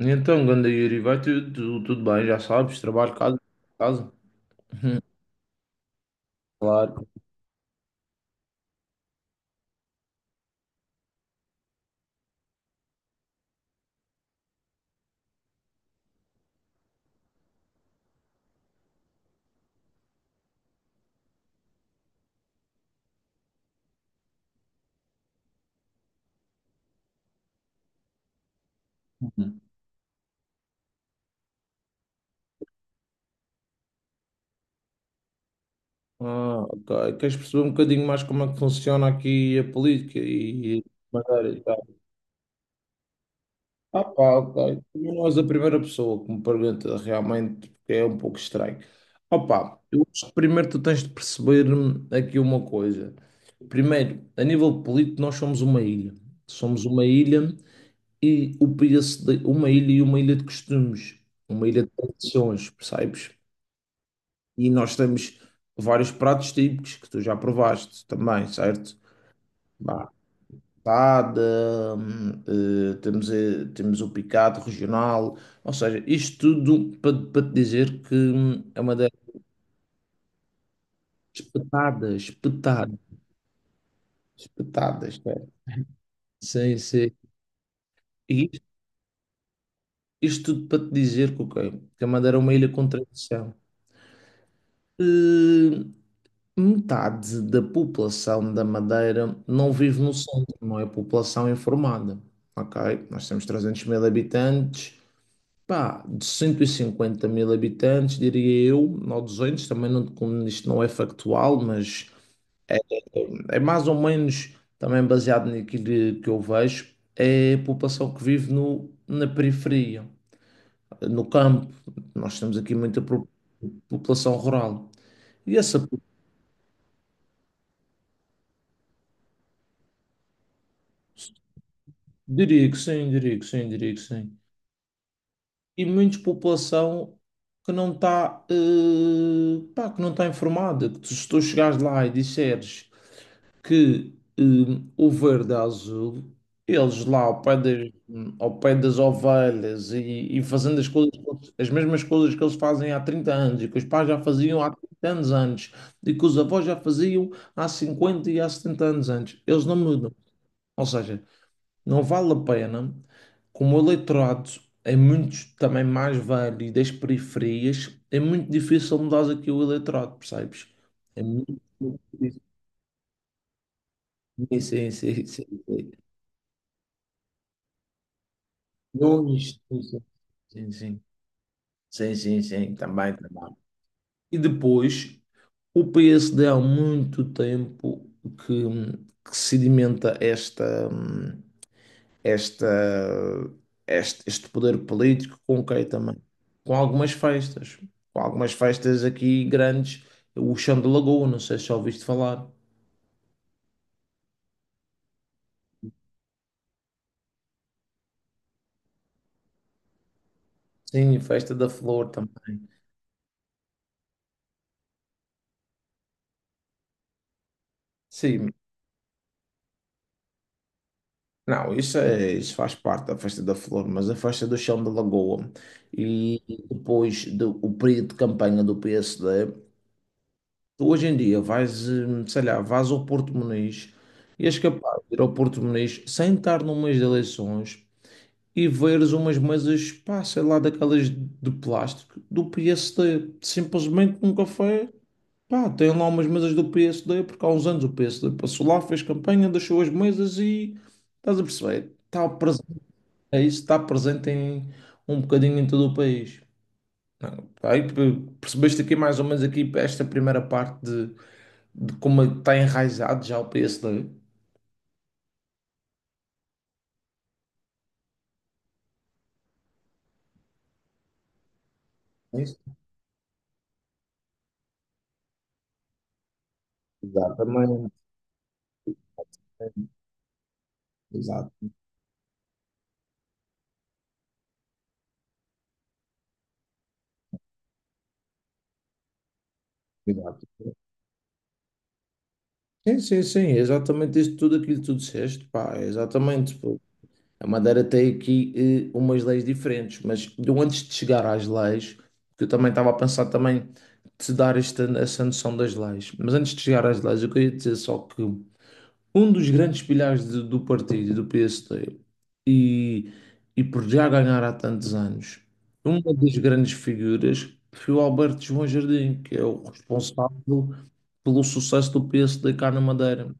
Então, ganda Yuri, vai bem, já sabes, trabalho, casa, casa. Hum, Claro. Hum. Ah, ok. Queres perceber um bocadinho mais como é que funciona aqui a política e Madeira e tal? Ah, pá, ok. Também não és a primeira pessoa que me pergunta realmente, porque é um pouco estranho. Opa, pá, eu acho que primeiro tu tens de perceber aqui uma coisa. Primeiro, a nível político, nós somos uma ilha. Somos uma ilha e o preço de uma ilha e uma ilha de costumes, uma ilha de tradições, percebes? E nós temos vários pratos típicos que tu já provaste também, certo? Bah, tada, temos o picado regional, ou seja, isto tudo para te dizer que é uma das espetadas, espetadas, espetadas, é. Sim, sim. E isto tudo para te dizer que, ok, que a Madeira é uma ilha com tradição. Eh, Metade da população da Madeira não vive no centro, não é população informada. Ok? Nós temos 300 mil habitantes, pá, de 150 mil habitantes, diria eu, ou 200, também não, como isto não é factual, mas é mais ou menos também baseado naquilo que eu vejo, é a população que vive na periferia, no campo. Nós temos aqui muita população rural. E essa, diria que sim, diria que sim, diria que sim. E muita população que não está, pá, que não está informada. Se tu chegares lá e disseres que o verde é azul, eles lá ao pé das ovelhas e fazendo as coisas, as mesmas coisas que eles fazem há 30 anos e que os pais já faziam há 30 anos antes e que os avós já faziam há 50 e há 70 anos antes, eles não mudam. Ou seja, não vale a pena, como o eleitorado é muito também mais velho e das periferias, é muito difícil mudar aqui o eleitorado, percebes? É muito difícil. Sim, sim, sim, sim, sim. Nunes, sim, sim, sim. Sim, sim, sim, sim, também, também. E depois, o PSD há muito tempo que, que sedimenta esta, este poder político com o também? Com algumas festas. Com algumas festas aqui grandes. O Chão de Lagoa, não sei se já ouviste falar. Sim, Festa da Flor também. Sim, não, isso, é, isso faz parte da Festa da Flor, mas a Festa do Chão de Lagoa e depois do o período de campanha do PSD, tu hoje em dia sei lá, vais ao Porto Muniz e és capaz de ir ao Porto Muniz sem estar no mês de eleições e veres umas mesas, pá, sei lá, daquelas de plástico do PSD. Simplesmente num café, pá, tem lá umas mesas do PSD, porque há uns anos o PSD passou lá, fez campanha, deixou as mesas e estás a perceber? Está presente, é isso, está presente em um bocadinho em todo o país. Percebeste aqui mais ou menos aqui esta primeira parte de como está enraizado já o PSD. Isso, exatamente. Exato, exato. Sim, sim, sim, é exatamente isso, tudo aquilo que tu disseste, pá, é exatamente. Pô. A Madeira tem aqui umas leis diferentes, mas eu antes de chegar às leis, que eu também estava a pensar também te dar essa noção das leis, mas antes de chegar às leis, eu queria dizer só que um dos grandes pilares do partido, do PSD, e, e por já ganhar há tantos anos, uma das grandes figuras foi o Alberto João Jardim, que é o responsável pelo sucesso do PSD cá na Madeira.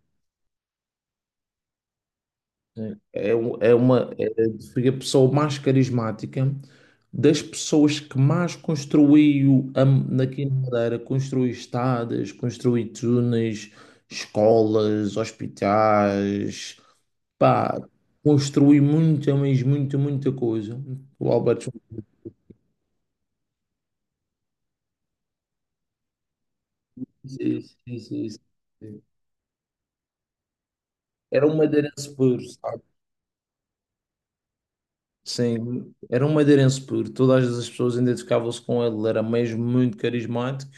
É, um- é uma, é, foi a pessoa mais carismática, das pessoas que mais construiu aqui na Madeira, construiu estradas, construiu túneis, escolas, hospitais, pá, construiu muita, mas muita, muita coisa. O Alberto Sim, sim, sim, sim, era um madeirense puro, sabe? Sim, era um madeirense puro. Todas as pessoas identificavam-se com ele, ele era mesmo muito carismático.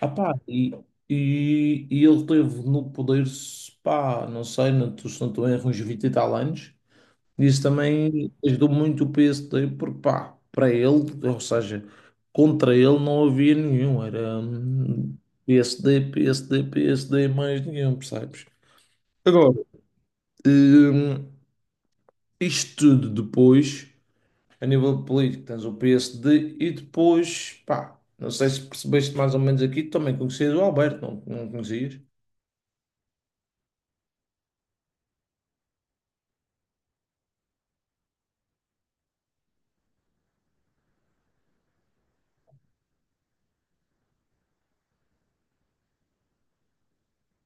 Ah, pá, e ele teve no poder, pá, não sei, não estou se não estou em erro, uns 20 e tal anos. Isso também ajudou muito o PSD, porque, pá, para ele, ou seja, contra ele não havia nenhum. Era PSD, PSD, PSD, mais nenhum, percebes? Agora, hum, isto tudo depois, a nível político, tens o PSD e depois, pá, não sei se percebeste mais ou menos aqui, também conhecias o Alberto, não, não conhecias?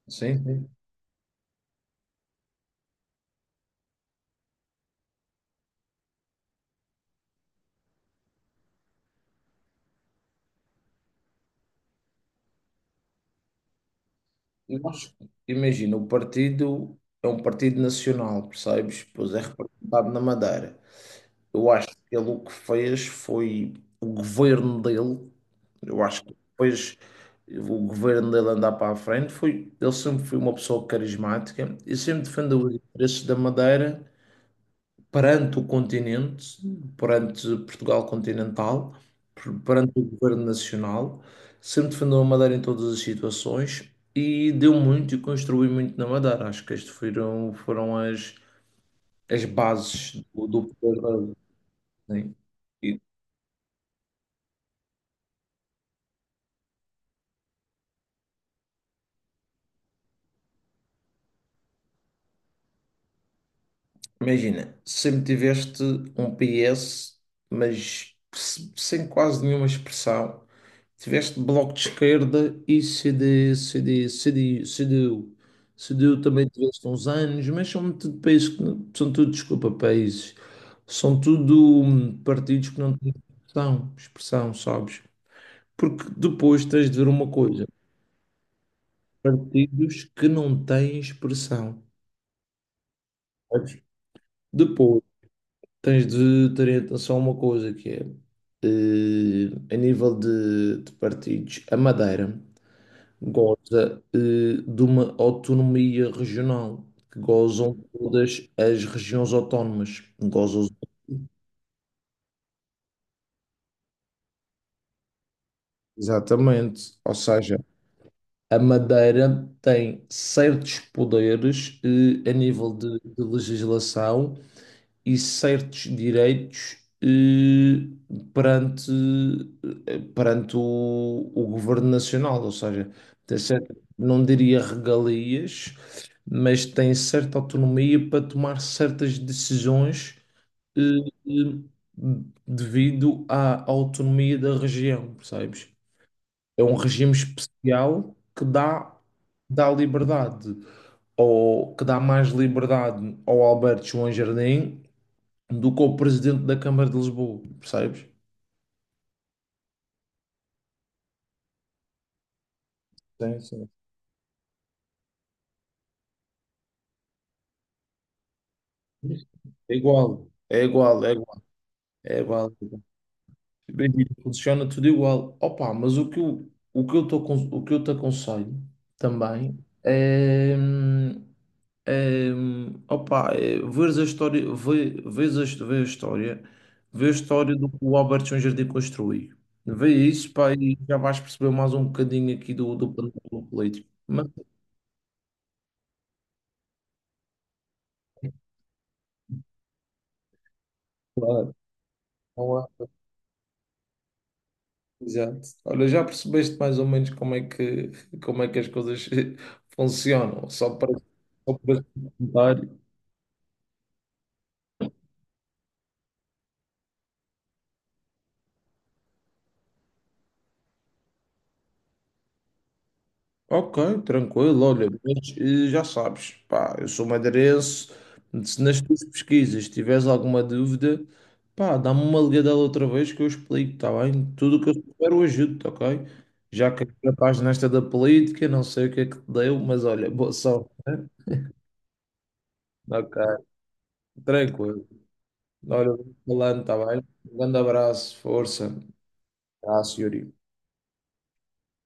Sim, sim. Nós, imagina, o partido é um partido nacional, percebes? Pois é representado na Madeira. Eu acho que ele o que fez foi o governo dele, eu acho que depois o governo dele andar para a frente, ele sempre foi uma pessoa carismática e sempre defendeu os interesses da Madeira perante o continente, perante Portugal continental, perante o governo nacional, sempre defendeu a Madeira em todas as situações e deu muito e construiu muito na Madeira. Acho que estas foram as bases do poder da. Sim. E, Imagina, sempre tiveste um PS, mas sem quase nenhuma expressão. Tiveste bloco de esquerda e CDU. CDU também tiveste uns anos, mas são tudo países que não, são tudo, desculpa, países. São tudo partidos que não têm expressão, expressão, sabes? Porque depois tens de ver uma coisa, partidos que não têm expressão, sabes? Depois tens de ter atenção a uma coisa que é, a nível de partidos, a Madeira goza de uma autonomia regional, que gozam todas as regiões autónomas. Gozam exatamente. Ou seja, a Madeira tem certos poderes a nível de legislação e certos direitos perante, perante o governo nacional, ou seja, tem certa, não diria regalias, mas tem certa autonomia para tomar certas decisões eh, eh, devido à autonomia da região, percebes? É um regime especial que dá liberdade, ou que dá mais liberdade ao Alberto João Jardim do que o presidente da Câmara de Lisboa, percebes? Sim, sim. É igual, é igual, é igual, é igual. Bem, funciona tudo igual. Opa, mas o que eu te aconselho também é, opa, é veres a história, vê a história, vê a história do que o Albert Jardim construiu. Vê isso, pá, e já vais perceber mais um bocadinho aqui do plano político. Claro. Exato. Olha, já percebeste mais ou menos como é que as coisas funcionam, só para esse comentário. Ok, tranquilo, olha, mas já sabes, pá, eu sou madeirense, se nas tuas pesquisas tiveres alguma dúvida, pá, dá-me uma ligadela outra vez que eu explico, está bem? Tudo o que eu souber eu ajudo, ok? Já que já estás nesta da política, não sei o que é que te deu, mas olha, boa sorte, né? Ok, tranquilo. Olha, eu vou falando, tá bem? Um grande abraço, força. Abraço, Yuri.